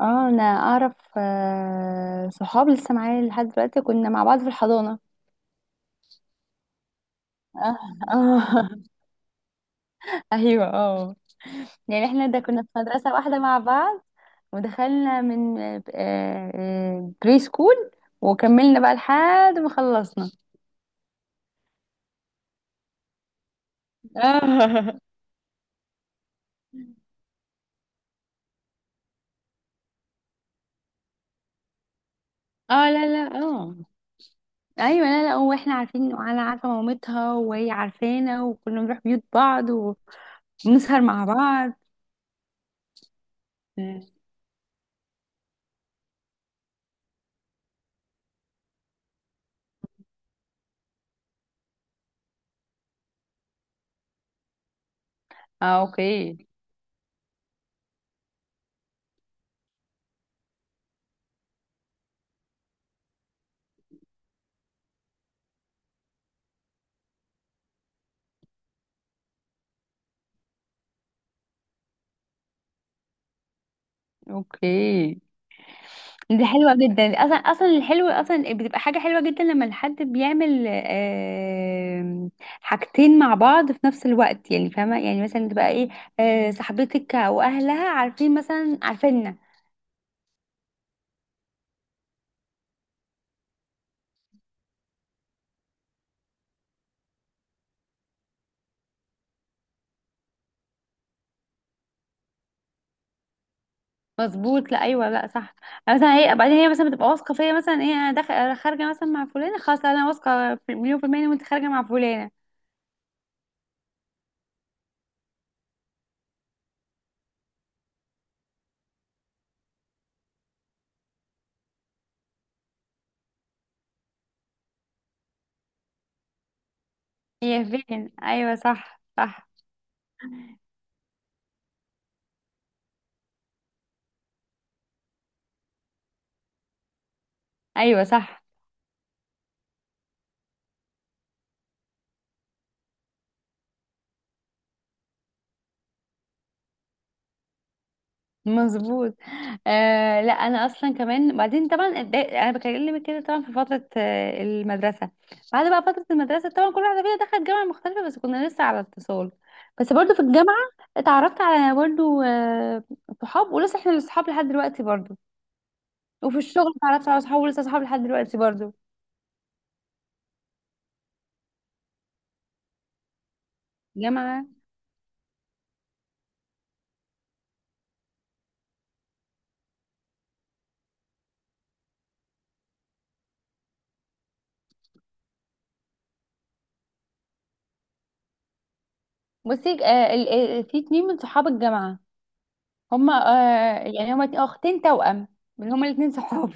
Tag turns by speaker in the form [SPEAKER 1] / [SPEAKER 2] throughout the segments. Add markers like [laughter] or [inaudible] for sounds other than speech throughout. [SPEAKER 1] اه انا اعرف صحاب لسه معايا لحد دلوقتي، كنا مع بعض في الحضانة. اه. اه. [laughs] ايوه، اه. يعني احنا ده كنا في مدرسة واحدة مع بعض، ودخلنا من بري سكول، وكملنا بقى لحد ما خلصنا. اه. [laughs] اه، لا لا، اه. ايوه، لا لا، واحنا عارفين، انا عارفه مامتها وهي عارفانا، وكنا بنروح بيوت بعض وبنسهر مع بعض. اه. اوكي. اوكي، دي حلوة جدا. اصلا اصلا الحلو اصلا بتبقى حاجة حلوة جدا لما الحد بيعمل حاجتين مع بعض في نفس الوقت، يعني فاهمة، يعني مثلا تبقى ايه، صاحبتك او اهلها عارفين مثلا عارفيننا. مظبوط، لا ايوه، لا صح. مثلا هي بعدين، هي مثلا بتبقى واثقة فيا، مثلا ايه، انا داخل خارجة مثلا مع فلانة، خلاص. لا، انا واثقة مليون في المية إن وانت خارجة مع فلانة. هي فين؟ ايوه، صح صح. ايوه، صح. مظبوط. آه، لا، انا اصلا كمان بعدين طبعا انا بكلمك كده، طبعا في فتره المدرسه، بعد بقى فتره المدرسه طبعا كل واحده فينا دخلت جامعه مختلفه، بس كنا لسه على اتصال. بس برضو في الجامعه اتعرفت على برضو صحاب، ولسه احنا اصحاب لحد دلوقتي برضو. وفي الشغل اتعرفت على صحاب، ولسه صحاب لحد دلوقتي برضو. جامعه. بصي آه، في اتنين من صحاب الجامعه. هما آه، يعني هما اختين توأم، هما الاتنين صحاب.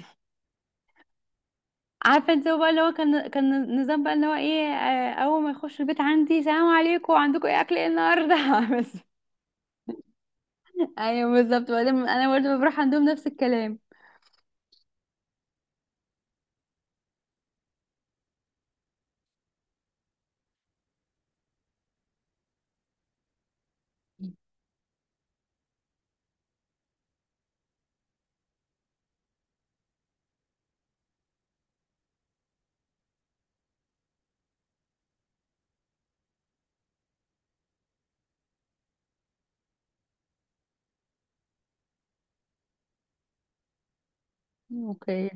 [SPEAKER 1] عارفه انت، هو بقى اللي هو كان نظام بقى اللي هو ايه، اول ما يخش البيت عندي، سلام عليكم، عندكم ايه اكل ايه النهارده. [laughs] بس. ايوه، بالظبط. وبعدين انا برضه بروح عندهم نفس الكلام. اوكي،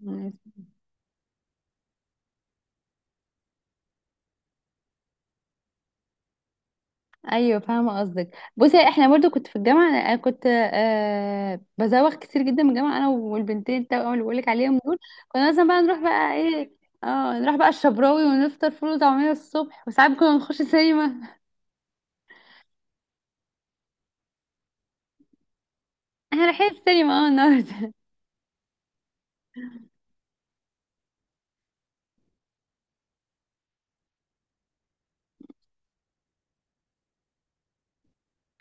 [SPEAKER 1] ماشي. ايوه، فاهمه قصدك. بصي احنا برضو، كنت في الجامعه، انا كنت بزوغ كتير جدا من الجامعه، انا والبنتين التوأم اللي بقولك عليهم دول. كنا مثلا بقى نروح بقى ايه، اه نروح بقى الشبراوي ونفطر فول وطعميه الصبح، وساعات كنا نخش سينما. [laughs] احنا رايحين السينما اه النهارده.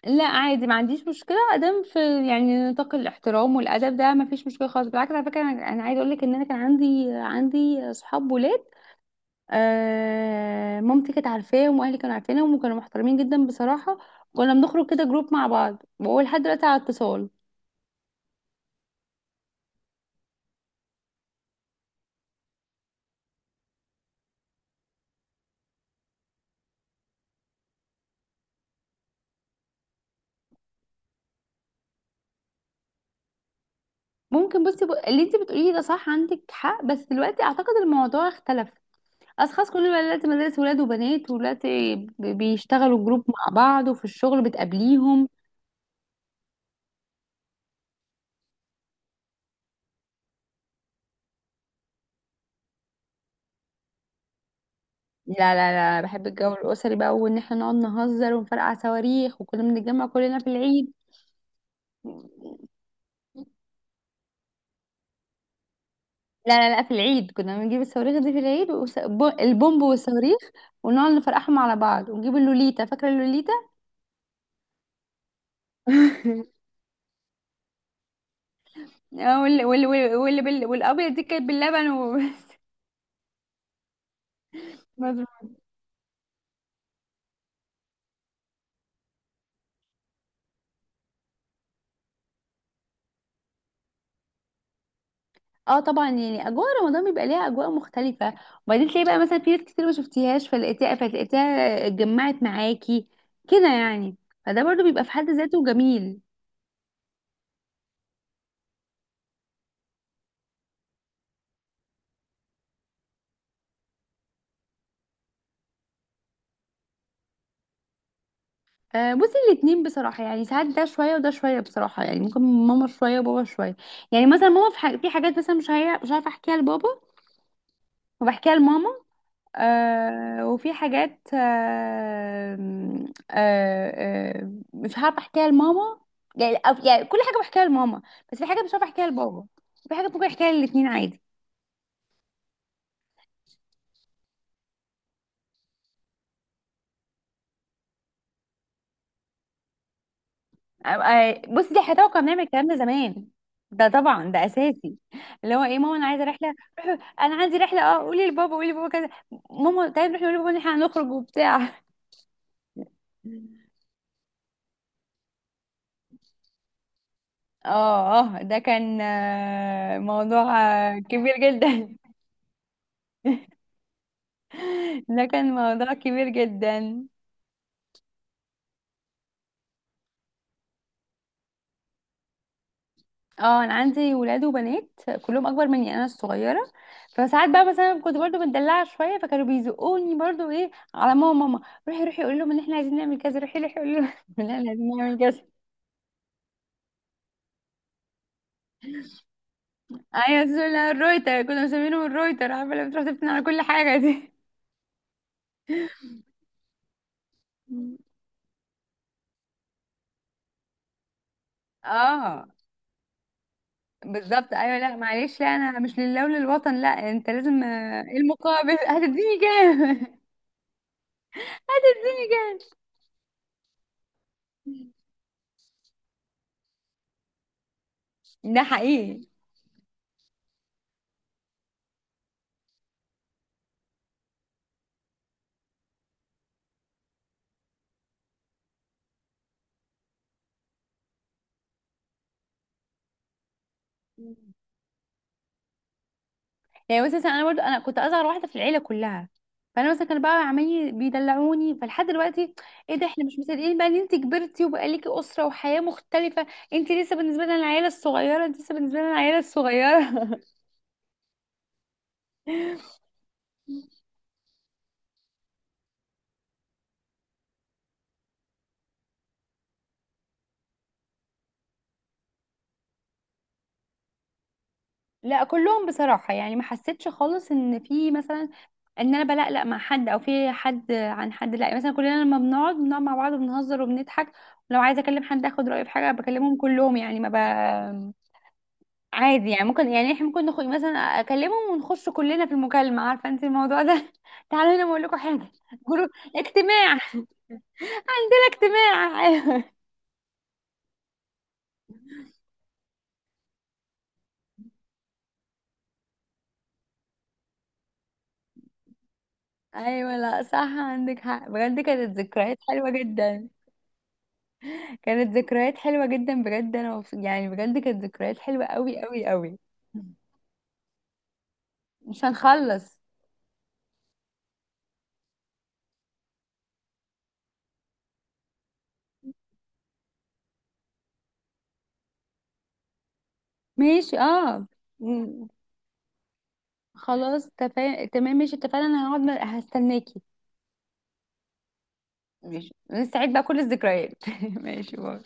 [SPEAKER 1] لا، عادي، ما عنديش مشكله ادام في يعني نطاق الاحترام والادب، ده ما فيش مشكله خالص، بالعكس. على فكره انا، أنا عايزه اقول لك ان انا كان عندي صحاب ولاد. مامتي كانت عارفاهم، واهلي كانوا عارفينهم، وكانوا محترمين جدا بصراحه. كنا بنخرج كده جروب مع بعض، وهو لحد دلوقتي على اتصال. ممكن، بصي، اللي انت بتقوليه ده صح، عندك حق، بس دلوقتي اعتقد الموضوع اختلف. اشخاص، كل بقى دلوقتي مدارس ولاد وبنات، ودلوقتي بيشتغلوا جروب مع بعض، وفي الشغل بتقابليهم. لا لا لا، بحب الجو الأسري بقى، وإن احنا نقعد نهزر ونفرقع صواريخ، وكنا بنتجمع كلنا في العيد. لا لا لا، في العيد كنا بنجيب الصواريخ دي في العيد، البومب والصواريخ، ونقعد نفرقعهم على بعض، ونجيب اللوليتا. فاكرة اللوليتا؟ [laughs] اه، والأبيض دي كانت باللبن وبس. [laughs] مظبوط. اه طبعا، يعني اجواء رمضان بيبقى ليها اجواء مختلفه، وبعدين تلاقي بقى مثلا في ناس كتير ما شفتيهاش فلقيتيها فتلاقيتيها اتجمعت معاكي كده يعني، فده برضو بيبقى في حد ذاته جميل. بصي الاتنين بصراحة، يعني ساعات ده شوية وده شوية بصراحة، يعني ممكن ماما شوية وبابا شوية. يعني مثلا ماما في, في حاجات مثلا مش عارفة احكيها لبابا، وبحكيها لماما. وفي حاجات آه مش عارفة احكيها لماما، يعني يعني كل حاجة بحكيها لماما، بس في حاجة مش عارفة احكيها لبابا. في حاجة ممكن احكيها للاتنين عادي. آه، بصي دي حياتي، كنا بنعمل الكلام ده زمان. ده طبعا ده اساسي. اللي هو ايه ماما، انا عايزه رحله. انا عندي رحله، اه قولي لبابا، قولي لبابا كذا. ماما، طيب، نروح نقول لبابا ان احنا هنخرج وبتاع. اه. اه، ده كان موضوع كبير جدا. [laughs] ده كان موضوع كبير جدا. اه انا عندي ولاد وبنات، كلهم اكبر مني، انا الصغيره. فساعات بقى مثلا كنت برضو مدلعه شويه، فكانوا بيزقوني برضو ايه، على ماما، ماما روحي روحي قولي لهم ان احنا عايزين نعمل كذا، روحي روحي قولي لهم [laughs] ان احنا عايزين نعمل كذا. ايوه سولا الرويتر، كنا مسمينهم الرويتر، عارفه، لما تروح تفتن على كل حاجه دي. اه. بالظبط، ايوه، لا معلش، لا انا مش لله وللوطن. لا، انت لازم إيه المقابل؟ هتديني كام؟ [laughs] هتديني كام؟ ده حقيقي. يعني مثلا انا برضو، انا كنت اصغر واحده في العيله كلها، فانا مثلا كانوا بقى عمالين بيدلعوني، فلحد دلوقتي ايه ده، احنا مش مصدقين بقى ان انت كبرتي وبقى ليكي اسره وحياه مختلفه. انت لسه بالنسبه لنا العيله الصغيره، انت لسه بالنسبه لنا العيله الصغيره. [laughs] لا كلهم بصراحه، يعني ما حسيتش خالص ان في مثلا، ان انا بلقلق مع حد او في حد عن حد، لا مثلا كلنا لما بنقعد مع بعض وبنهزر وبنضحك، ولو عايزه اكلم حد اخد رايه في حاجه بكلمهم كلهم، يعني ما ب... عادي يعني، ممكن يعني احنا ممكن مثلا اكلمهم ونخش كلنا في المكالمه، عارفه انت الموضوع ده. [laughs] تعالوا هنا اقول لكم حاجه، جروب، اجتماع. [laughs] اجتماع، ايوه. ايوه، لا صح، عندك حق بجد، كانت ذكريات حلوه جدا. كانت ذكريات حلوه جدا بجد، انا يعني بجد كانت ذكريات حلوه قوي قوي قوي. مش هنخلص. ماشي، اه. مم. خلاص، تمام ماشي، اتفقنا. انا هقعد، هستناكي. ماشي، نستعيد بقى كل الذكريات. [laughs] ماشي، باي.